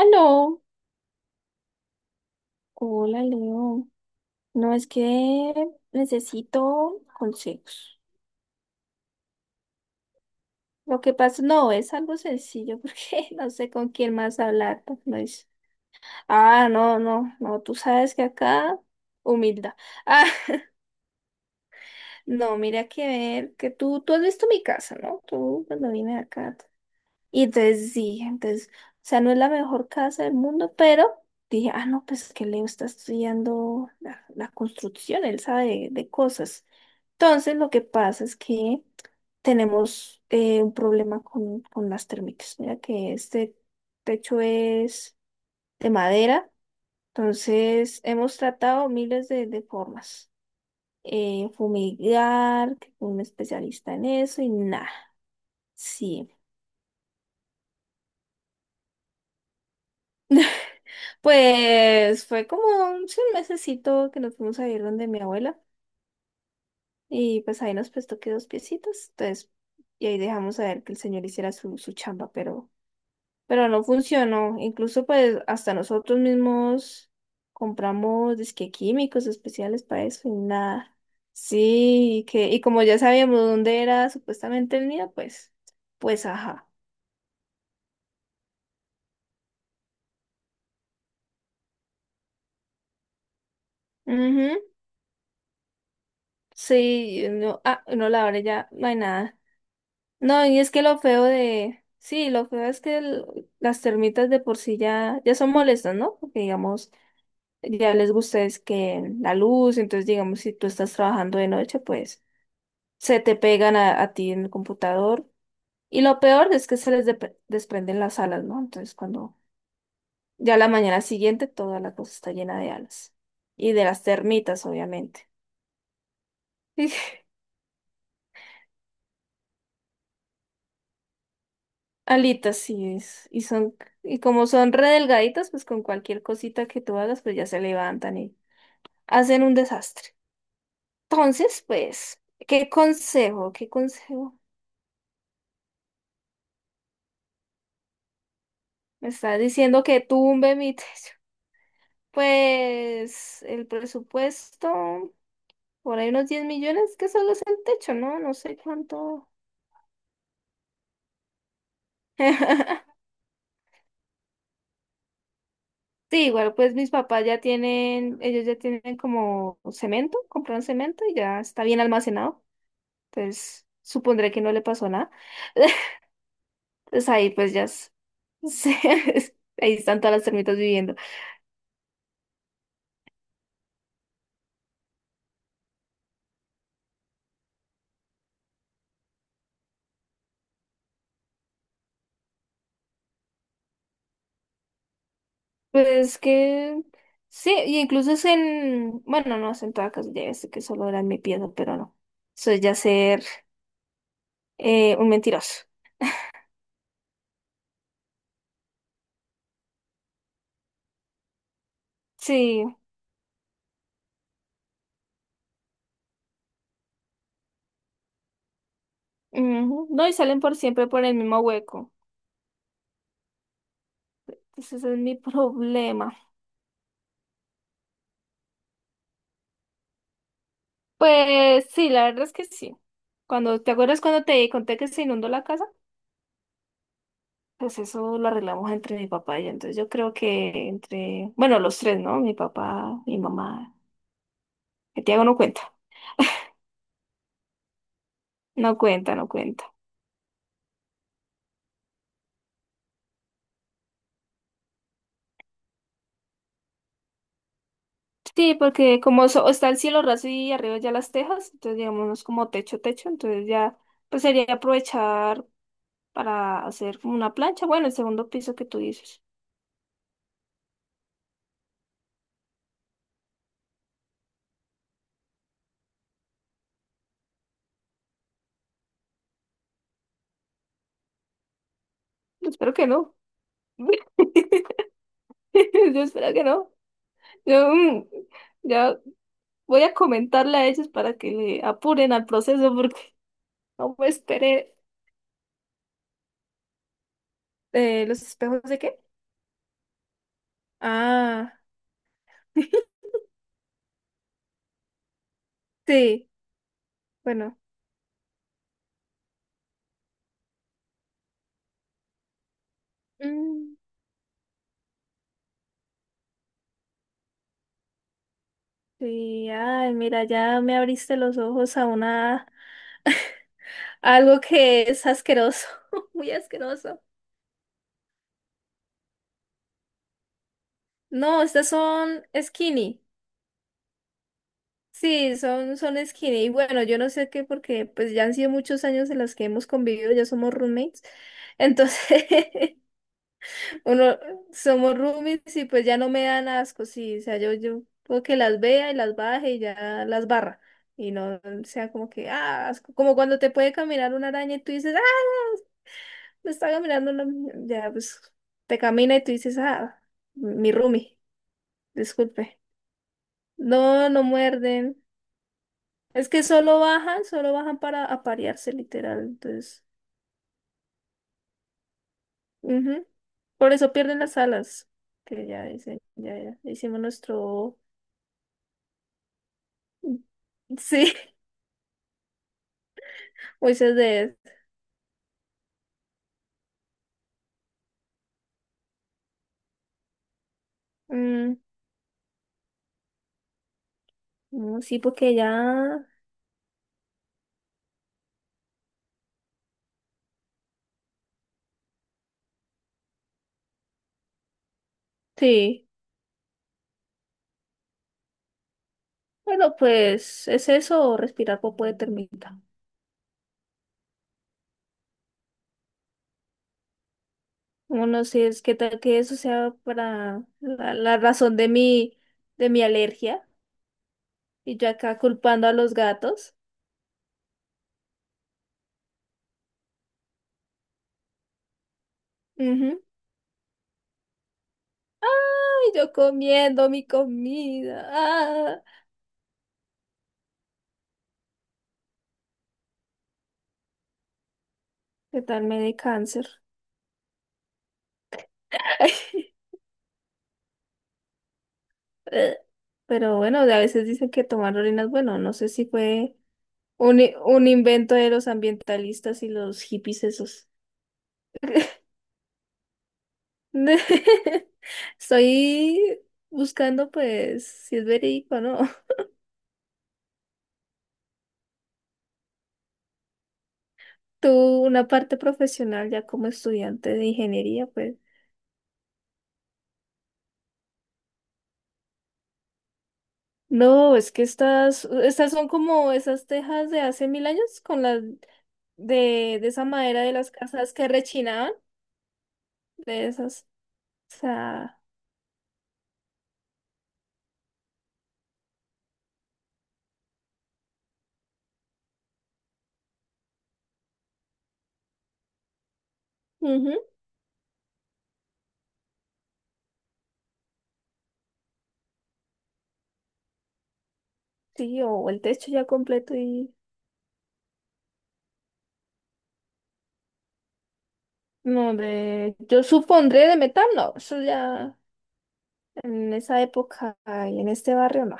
Aló, hola Leo. No es que necesito consejos. Lo que pasa, no, es algo sencillo porque no sé con quién más hablar. Pues, no es. Ah, no, no, no, tú sabes que acá, humildad. Ah, no, mira que ver, que tú has visto mi casa, ¿no? Tú cuando vine acá. Y entonces sí, entonces, o sea, no es la mejor casa del mundo, pero dije, ah, no, pues que Leo está estudiando la construcción, él sabe de cosas. Entonces, lo que pasa es que tenemos un problema con las térmicas. Mira que este techo es de madera, entonces hemos tratado miles de formas. Fumigar, que un especialista en eso y nada. Sí. Pues fue como un, sí, un mesecito que nos fuimos a ir donde mi abuela y pues ahí nos prestó que dos piecitos, entonces y ahí dejamos a ver que el señor hiciera su chamba, pero, no funcionó, incluso pues hasta nosotros mismos compramos disque químicos especiales para eso y nada, sí, y que, y como ya sabíamos dónde era supuestamente el nido, pues ajá, ujú. Sí, no, ah, no, la hora ya no hay nada. No, y es que lo feo de, sí, lo feo es que las termitas de por sí ya son molestas, ¿no? Porque digamos, ya les gusta es que la luz, entonces digamos, si tú estás trabajando de noche, pues se te pegan a ti en el computador. Y lo peor es que se les desprenden las alas, ¿no? Entonces cuando ya la mañana siguiente toda la cosa está llena de alas. Y de las termitas, obviamente. Alitas, sí es. Y son, y como son re delgaditas, pues con cualquier cosita que tú hagas, pues ya se levantan y hacen un desastre. Entonces, pues, ¿qué consejo? ¿Qué consejo? Me estás diciendo que tumbe mi techo. Pues el presupuesto, por ahí unos 10 millones, que solo es el techo, ¿no? No sé cuánto. Sí, igual pues mis papás ya tienen, ellos ya tienen como cemento, compraron cemento y ya está bien almacenado. Entonces, supondré que no le pasó nada. Pues ahí pues ya se- ahí están todas las termitas viviendo. Pues que sí, y incluso es en, bueno, no es en toda casa, ya sé que solo era en mi pieza, pero no. Eso es ya ser un mentiroso. Sí, ujú. No, y salen por siempre por el mismo hueco. Entonces ese es mi problema. Pues sí, la verdad es que sí. ¿Te acuerdas cuando te conté que se inundó la casa? Pues eso lo arreglamos entre mi papá y yo. Entonces yo creo que entre, bueno, los tres, ¿no? Mi papá, mi mamá. Que Tiago no cuenta. No cuenta, no cuenta. Sí, porque como está el cielo raso y arriba ya las tejas, entonces digamos como techo, techo, entonces ya pues sería aprovechar para hacer como una plancha. Bueno, el segundo piso que tú dices. Yo espero que no. Yo espero que no. Yo ya voy a comentarle a ellos para que le apuren al proceso porque no me esperé. ¿Los espejos de qué? Ah, sí, bueno. Mm, sí, ay, mira, ya me abriste los ojos a algo que es asqueroso, muy asqueroso. No, estas son skinny. Sí, son skinny. Y bueno, yo no sé qué, porque pues ya han sido muchos años en los que hemos convivido, ya somos roommates. Entonces, uno, somos roomies y pues ya no me dan asco, sí, o sea, yo puedo que las vea y las baje y ya las barra. Y no sea como que, ah, asco. Como cuando te puede caminar una araña y tú dices, ah, me está caminando una. Ya, pues te camina y tú dices, ah, mi roomie, disculpe. No, no muerden. Es que solo bajan para aparearse, literal. Entonces, ujú. Por eso pierden las alas. Que ya dicen, ya hicimos nuestro. Sí. Moisés de él. Mm, no, sí, porque ya. Sí. Bueno, pues es eso, o respirar popo de termita. Bueno, si es que tal que eso sea para la razón de mi alergia. Y yo acá culpando a los gatos. Ujú. Y yo comiendo mi comida. Ah, ¿qué tal me dé cáncer? Eh, Pero bueno, a veces dicen que tomar orina es bueno. No sé si fue un invento de los ambientalistas y los hippies esos. Estoy buscando, pues, si es verídico o no. Tú, una parte profesional ya como estudiante de ingeniería, pues. No, es que estas son como esas tejas de hace mil años con las de esa madera de las casas que rechinaban, de esas. O sea, ujú, sí, o el techo ya completo y. No, de. Yo supondré de metal, no, eso ya. En esa época y en este barrio no,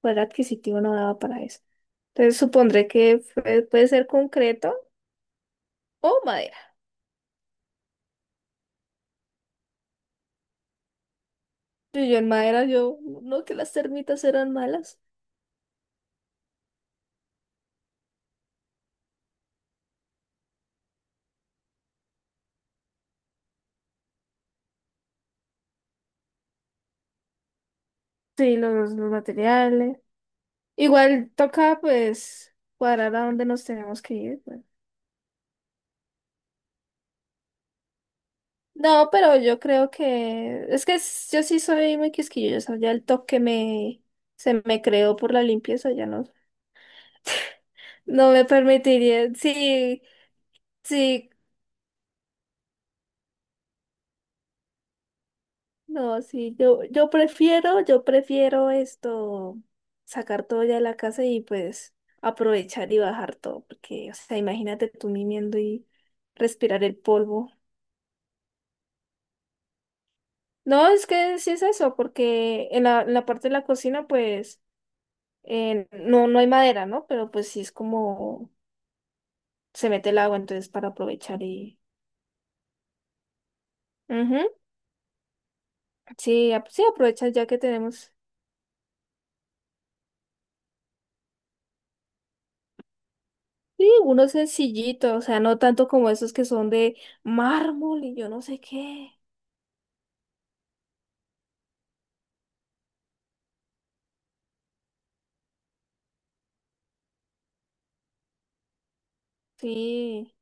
poder adquisitivo no daba para eso. Entonces supondré que puede ser concreto o madera. Y yo en madera, yo, no que las termitas eran malas. Sí, los materiales. Igual toca pues cuadrar a dónde nos tenemos que ir. Bueno. No, pero yo creo que es que yo sí soy muy quisquillosa. Ya el toque me se me creó por la limpieza, ya no, no me permitiría. Sí, sí. No, sí, yo prefiero esto, sacar todo ya de la casa y pues aprovechar y bajar todo, porque, o sea, imagínate tú mimiendo y respirar el polvo. No, es que sí es eso, porque en la parte de la cocina, pues, no, no hay madera, ¿no? Pero pues sí es como se mete el agua, entonces para aprovechar y. Ujú. Sí, sí, aprovechas ya que tenemos. Sí, uno sencillito, o sea, no tanto como esos que son de mármol y yo no sé qué. Sí,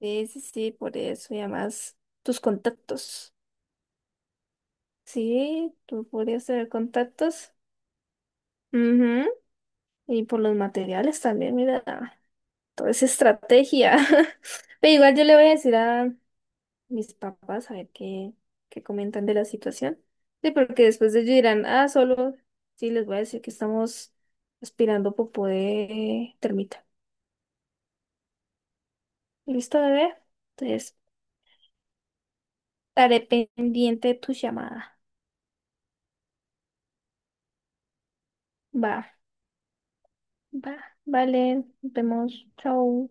sí, sí, sí, por eso. Y además, tus contactos. Sí, tú podrías tener contactos. Ujú. Y por los materiales también, mira, toda esa estrategia. Pero igual yo le voy a decir a mis papás a ver qué, comentan de la situación. Sí, porque después ellos dirán, ah, solo, sí, les voy a decir que estamos aspirando popó de termita. ¿Listo, bebé? Entonces, estaré pendiente de tu llamada. Va, va, vale, nos vemos, chao.